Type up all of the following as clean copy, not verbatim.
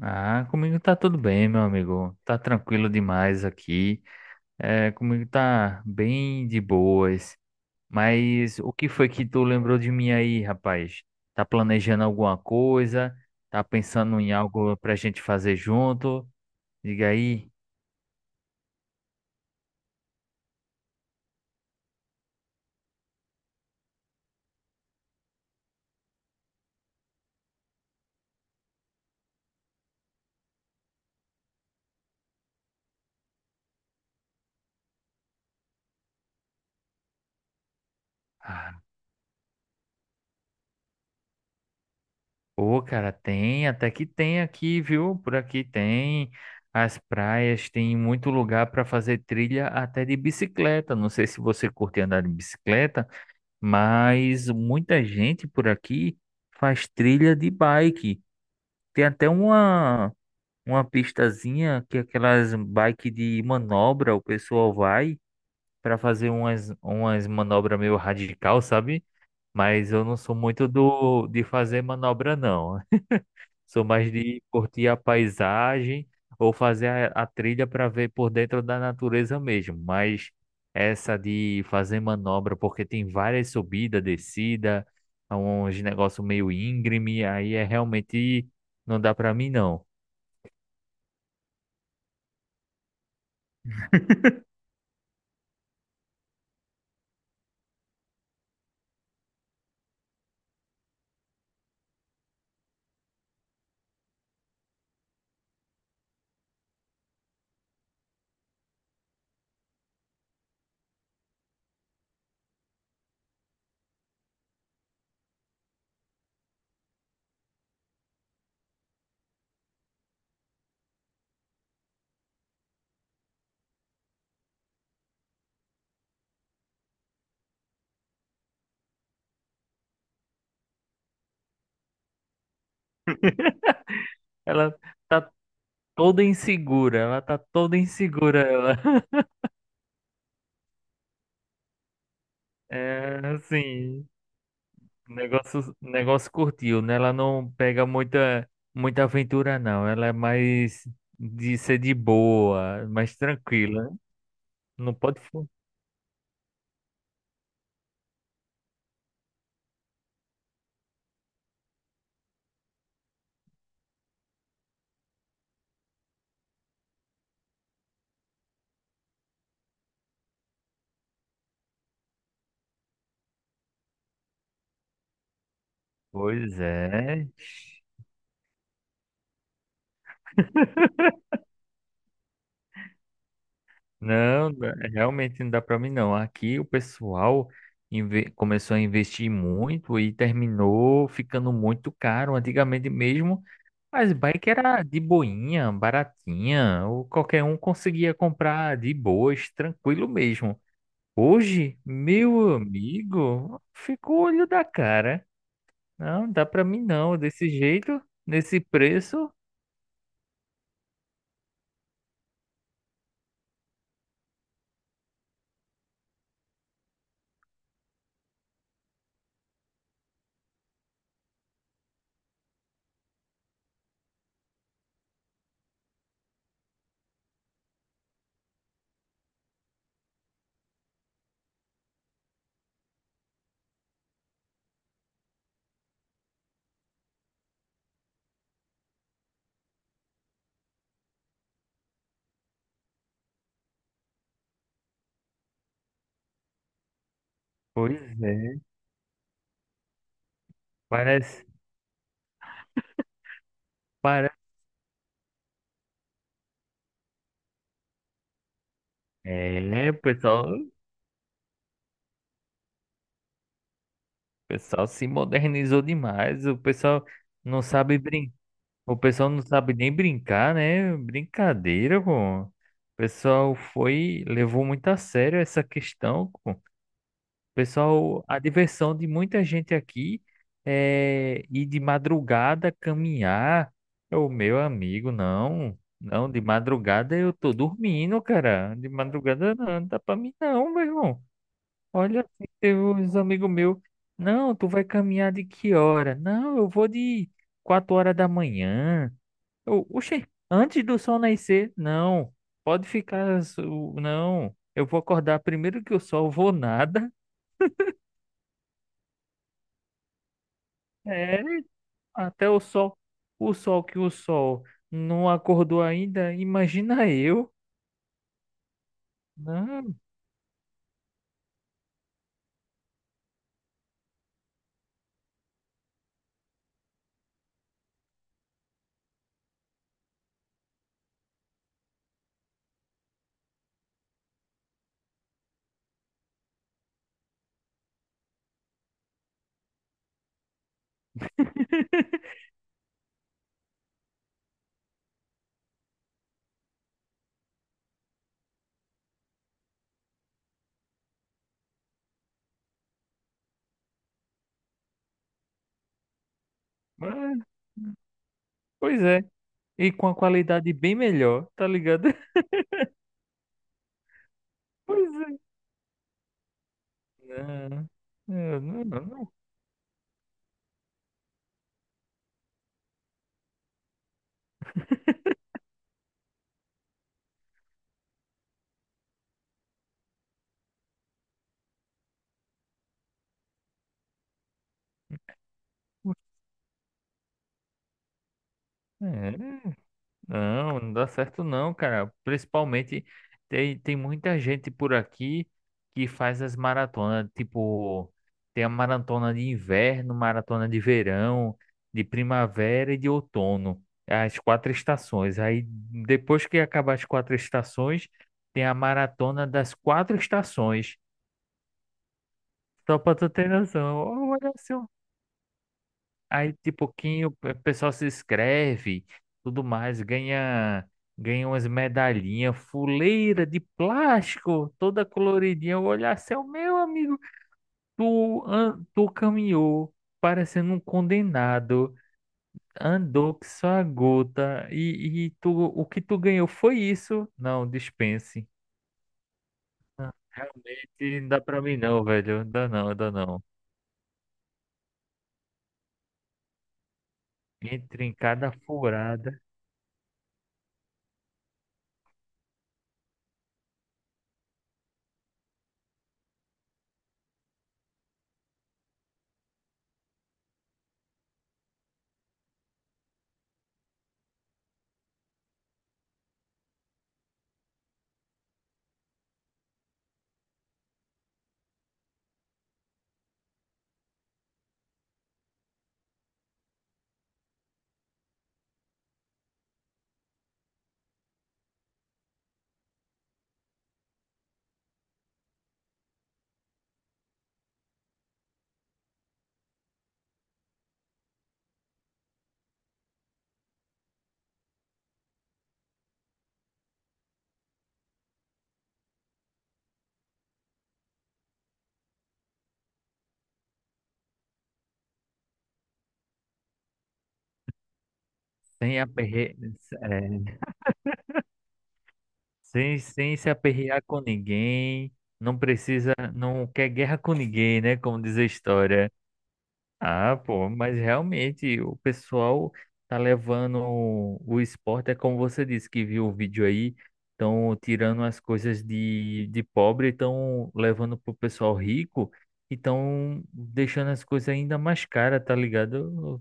Ah, comigo tá tudo bem, meu amigo. Tá tranquilo demais aqui. É, comigo tá bem de boas. Mas o que foi que tu lembrou de mim aí, rapaz? Tá planejando alguma coisa? Tá pensando em algo pra gente fazer junto? Diga aí. Ah, pô, cara, tem, até que tem aqui, viu? Por aqui tem as praias, tem muito lugar pra fazer trilha até de bicicleta. Não sei se você curte andar de bicicleta. Mas muita gente por aqui faz trilha de bike. Tem até uma, pistazinha que é aquelas bike de manobra, o pessoal vai para fazer umas manobras meio radical, sabe? Mas eu não sou muito do de fazer manobra, não. Sou mais de curtir a paisagem ou fazer a trilha para ver por dentro da natureza mesmo. Mas essa de fazer manobra, porque tem várias subidas, descida, é uns negócio meio íngreme, aí é realmente não dá para mim não. Ela tá toda insegura, ela tá toda insegura, ela. É, assim. O negócio curtiu, né? Ela não pega muita, muita aventura, não. Ela é mais de ser de boa, mais tranquila, né? Não pode. Pois é. Não, realmente não dá pra mim, não. Aqui o pessoal começou a investir muito e terminou ficando muito caro. Antigamente mesmo, as bikes era de boinha, baratinha, ou qualquer um conseguia comprar de boas, tranquilo mesmo. Hoje, meu amigo, ficou o olho da cara. Não, dá pra mim não, desse jeito, nesse preço. Pois é, parece, para. É, o pessoal se modernizou demais. O pessoal não sabe O pessoal não sabe nem brincar, né? Brincadeira, pô. O pessoal levou muito a sério essa questão, pô. Pessoal, a diversão de muita gente aqui é ir de madrugada caminhar. O meu amigo, não. Não, de madrugada eu tô dormindo, cara. De madrugada não, não dá pra mim não, meu irmão. Olha, teve uns amigos meus. Não, tu vai caminhar de que hora? Não, eu vou de 4 horas da manhã. Eu, oxe, antes do sol nascer? Não, pode ficar. Não, eu vou acordar primeiro que o sol, vou nada. É. Até o sol que o sol não acordou ainda, imagina eu. Não, mas- pois é. E com a qualidade bem melhor, tá ligado? Pois é. Não, eu não, não, não. É. Não, não dá certo não, cara. Principalmente tem, muita gente por aqui que faz as maratonas, tipo, tem a maratona de inverno, maratona de verão, de primavera e de outono, as quatro estações. Aí depois que acabar as quatro estações, tem a maratona das quatro estações. Só pra tu ter noção. Olha só, aí de pouquinho o pessoal se inscreve, tudo mais, ganha, umas medalhinhas, fuleira de plástico, toda coloridinha. Eu olhar assim, "Ó, meu amigo, tu, tu caminhou parecendo um condenado, andou que só a gota, e tu, o que tu ganhou foi isso? Não, dispense. Realmente não dá pra mim não, velho, não dá não, não dá não. Entre em cada furada, sem aperreio, sem se aperrear com ninguém, não precisa, não quer guerra com ninguém, né? Como diz a história. Ah, pô, mas realmente o pessoal tá levando o, esporte, é como você disse que viu o vídeo aí, estão tirando as coisas de pobre, estão levando pro pessoal rico e estão deixando as coisas ainda mais caras, tá ligado?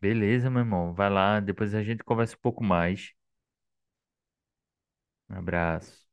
Beleza, meu irmão, vai lá, depois a gente conversa um pouco mais. Um abraço.